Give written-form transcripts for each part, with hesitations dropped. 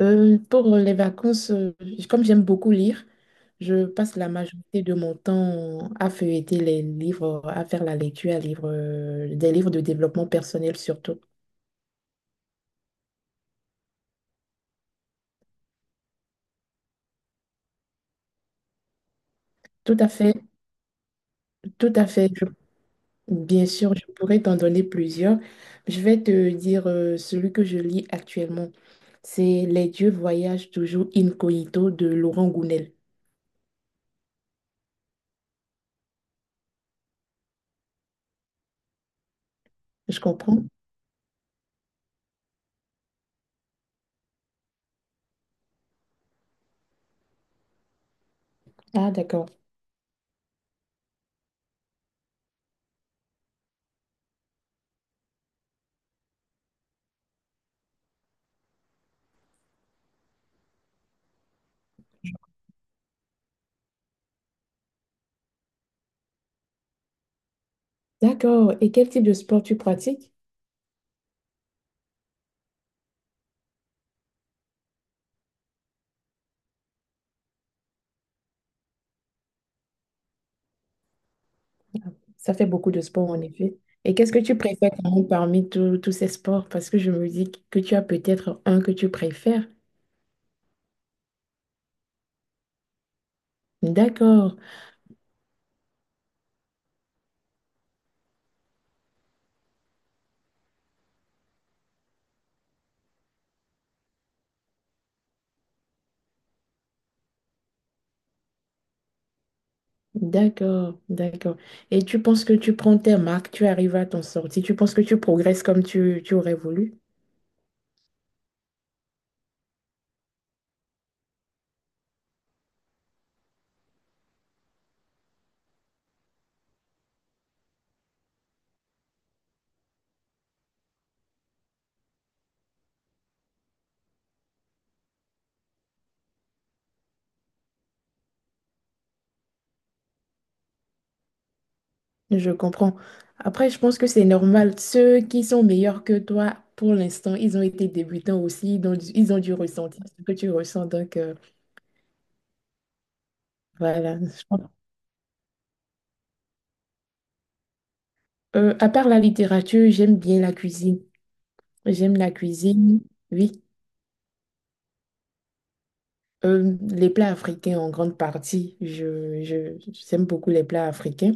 Pour les vacances, comme j'aime beaucoup lire, je passe la majorité de mon temps à feuilleter les livres, à faire la lecture, à livre, des livres de développement personnel surtout. Tout à fait, tout à fait. Bien sûr, je pourrais t'en donner plusieurs. Je vais te dire celui que je lis actuellement. C'est Les dieux voyagent toujours incognito de Laurent Gounel. Je comprends? Ah, d'accord. D'accord. Et quel type de sport tu pratiques? Ça fait beaucoup de sport, en effet. Et qu'est-ce que tu préfères quand même parmi tous ces sports? Parce que je me dis que tu as peut-être un que tu préfères. D'accord, d'accord, d'accord. Et tu penses que tu prends tes marques, tu arrives à t'en sortir, tu penses que tu progresses comme tu aurais voulu? Je comprends. Après, je pense que c'est normal. Ceux qui sont meilleurs que toi, pour l'instant, ils ont été débutants aussi, donc ils ont dû ressentir ce que tu ressens. Donc, voilà. À part la littérature, j'aime bien la cuisine. J'aime la cuisine, oui. Les plats africains en grande partie. J'aime beaucoup les plats africains.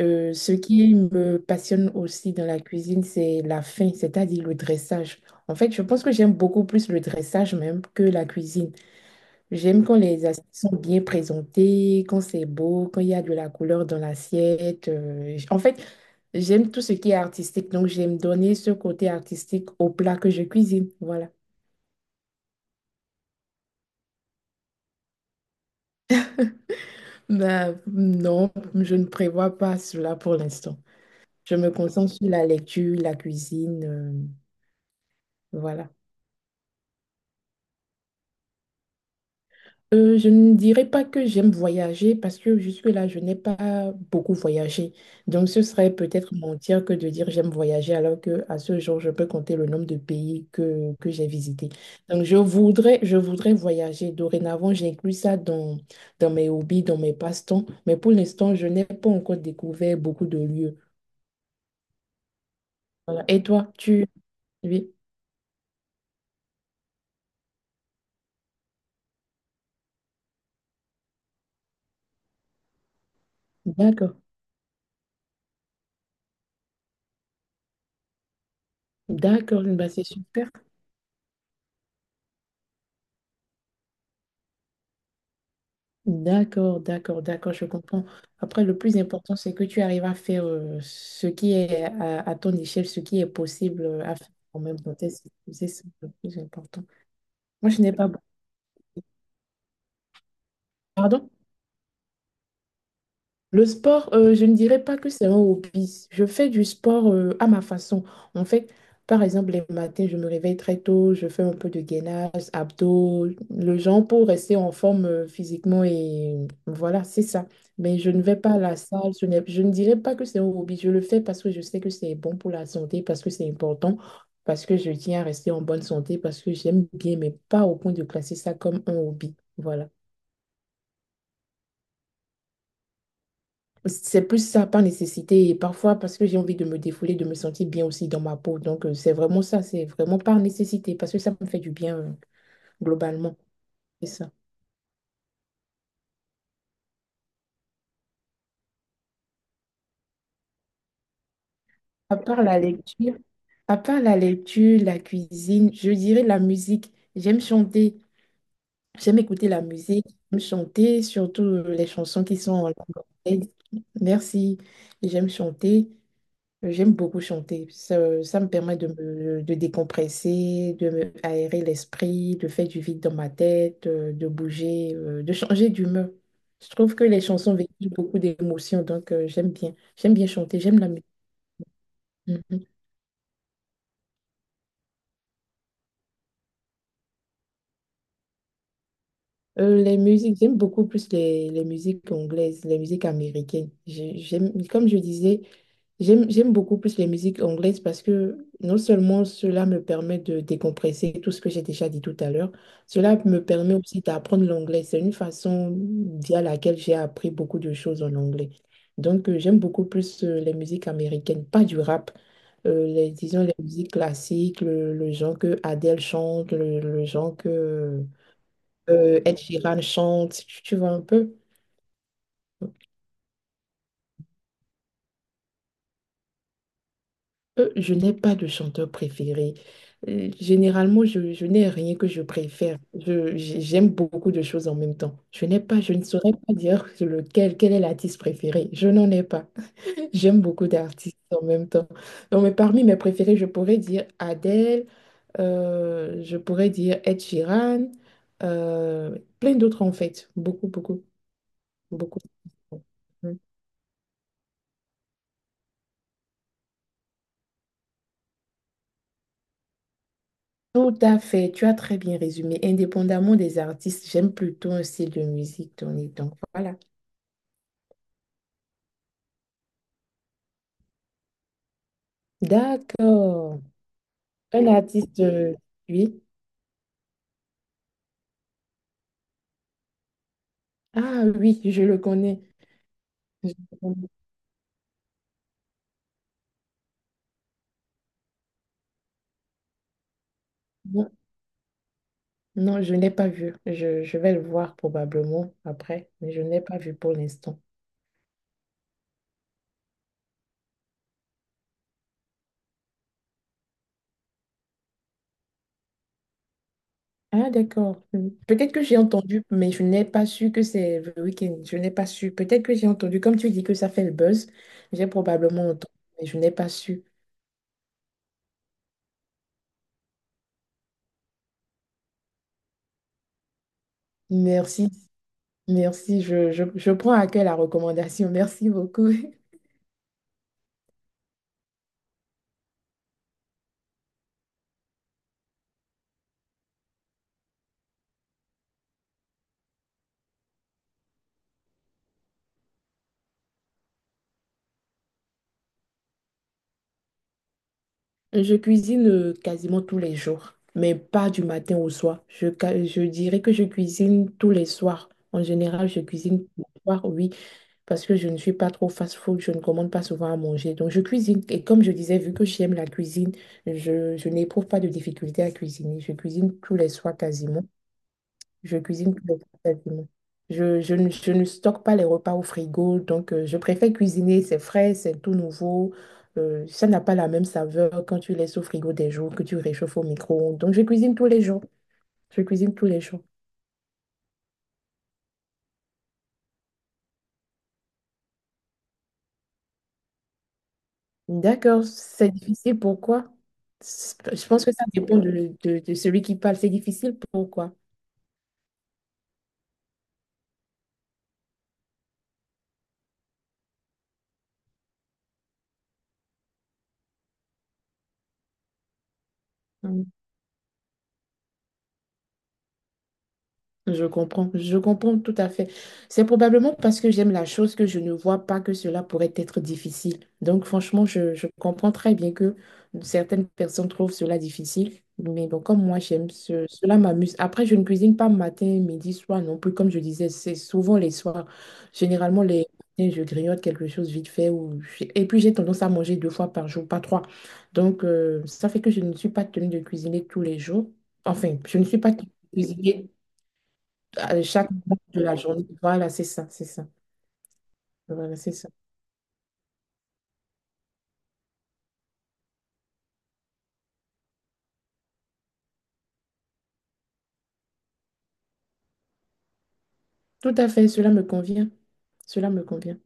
Ce qui me passionne aussi dans la cuisine, c'est la fin, c'est-à-dire le dressage. En fait, je pense que j'aime beaucoup plus le dressage même que la cuisine. J'aime quand les assiettes sont bien présentées, quand c'est beau, quand il y a de la couleur dans l'assiette. En fait, j'aime tout ce qui est artistique. Donc, j'aime donner ce côté artistique au plat que je cuisine. Voilà. Ben, non, je ne prévois pas cela pour l'instant. Je me concentre sur la lecture, la cuisine, voilà. Je ne dirais pas que j'aime voyager parce que jusque-là, je n'ai pas beaucoup voyagé. Donc, ce serait peut-être mentir que de dire j'aime voyager alors que à ce jour, je peux compter le nombre de pays que j'ai visités. Donc, je voudrais voyager. Dorénavant, j'inclus ça dans, dans mes hobbies, dans mes passe-temps. Mais pour l'instant, je n'ai pas encore découvert beaucoup de lieux. Voilà. Et toi, tu, Oui, d'accord, d'accord, bah c'est super. D'accord, d'accord, d'accord, je comprends. Après, le plus important, c'est que tu arrives à faire ce qui est à ton échelle, ce qui est possible à faire quand même dans tes circonstances. C'est ça le plus important. Moi, je n'ai pas... Pardon? Le sport, je ne dirais pas que c'est un hobby. Je fais du sport à ma façon. En fait, par exemple, les matins, je me réveille très tôt, je fais un peu de gainage, abdos, le genre pour rester en forme physiquement et voilà, c'est ça. Mais je ne vais pas à la salle, je ne dirais pas que c'est un hobby. Je le fais parce que je sais que c'est bon pour la santé, parce que c'est important, parce que je tiens à rester en bonne santé, parce que j'aime bien, mais pas au point de classer ça comme un hobby. Voilà. C'est plus ça par nécessité et parfois parce que j'ai envie de me défouler, de me sentir bien aussi dans ma peau. Donc, c'est vraiment ça, c'est vraiment par nécessité parce que ça me fait du bien globalement. C'est ça. À part la lecture, à part la lecture, la cuisine, je dirais la musique. J'aime chanter, j'aime écouter la musique, j'aime chanter, surtout les chansons qui sont en langue anglaise. Merci. J'aime chanter. J'aime beaucoup chanter. Ça me permet de me de décompresser, de me aérer l'esprit, de faire du vide dans ma tête, de bouger, de changer d'humeur. Je trouve que les chansons véhiculent beaucoup d'émotions, donc j'aime bien. J'aime bien chanter, j'aime la musique. Mhm. Les musiques, j'aime beaucoup plus les musiques anglaises, les musiques américaines. J'aime, comme je disais, j'aime beaucoup plus les musiques anglaises parce que non seulement cela me permet de décompresser tout ce que j'ai déjà dit tout à l'heure, cela me permet aussi d'apprendre l'anglais. C'est une façon via laquelle j'ai appris beaucoup de choses en anglais. Donc, j'aime beaucoup plus les musiques américaines, pas du rap, disons les musiques classiques, le genre que Adele chante, le genre que Ed Sheeran chante, tu vois un peu. Je n'ai pas de chanteur préféré. Généralement, je n'ai rien que je préfère. J'aime beaucoup de choses en même temps. Je n'ai pas, je ne saurais pas dire lequel, quel est l'artiste préféré. Je n'en ai pas. J'aime beaucoup d'artistes en même temps. Donc, mais parmi mes préférés, je pourrais dire Adele, je pourrais dire Ed Sheeran, plein d'autres en fait. Beaucoup, beaucoup, beaucoup. Tout à fait, tu as très bien résumé. Indépendamment des artistes, j'aime plutôt un style de musique donné. Donc voilà. D'accord. Un artiste, oui. Ah oui, je le connais. Je le connais. Non, non, je n'ai pas vu. Je vais le voir probablement après, mais je n'ai pas vu pour l'instant. Ah d'accord. Hmm. Peut-être que j'ai entendu, mais je n'ai pas su que c'est The Weeknd. Je n'ai pas su. Peut-être que j'ai entendu, comme tu dis que ça fait le buzz, j'ai probablement entendu, mais je n'ai pas su. Merci. Merci, je prends à cœur la recommandation. Merci beaucoup. Je cuisine quasiment tous les jours, mais pas du matin au soir. Je dirais que je cuisine tous les soirs. En général, je cuisine tous les soirs, oui, parce que je ne suis pas trop fast-food, je ne commande pas souvent à manger. Donc, je cuisine. Et comme je disais, vu que j'aime la cuisine, je n'éprouve pas de difficulté à cuisiner. Je cuisine tous les soirs quasiment. Je cuisine tous les repas quasiment. Je ne stocke pas les repas au frigo, donc je préfère cuisiner, c'est frais, c'est tout nouveau. Ça n'a pas la même saveur quand tu laisses au frigo des jours, que tu réchauffes au micro-ondes. Donc je cuisine tous les jours. Je cuisine tous les jours. D'accord, c'est difficile, pourquoi? Je pense que ça dépend de celui qui parle. C'est difficile, pourquoi? Je comprends tout à fait. C'est probablement parce que j'aime la chose que je ne vois pas que cela pourrait être difficile. Donc, franchement, je comprends très bien que certaines personnes trouvent cela difficile. Mais bon, comme moi, cela m'amuse. Après, je ne cuisine pas matin, midi, soir non plus. Comme je disais, c'est souvent les soirs. Généralement, les matins, je grignote quelque chose vite fait. Ou... Et puis, j'ai tendance à manger deux fois par jour, pas trois. Donc, ça fait que je ne suis pas tenue de cuisiner tous les jours. Enfin, je ne suis pas tenue de cuisiner à chaque moment de la journée. Voilà, c'est ça, c'est ça. Voilà, c'est ça. Tout à fait, cela me convient. Cela me convient.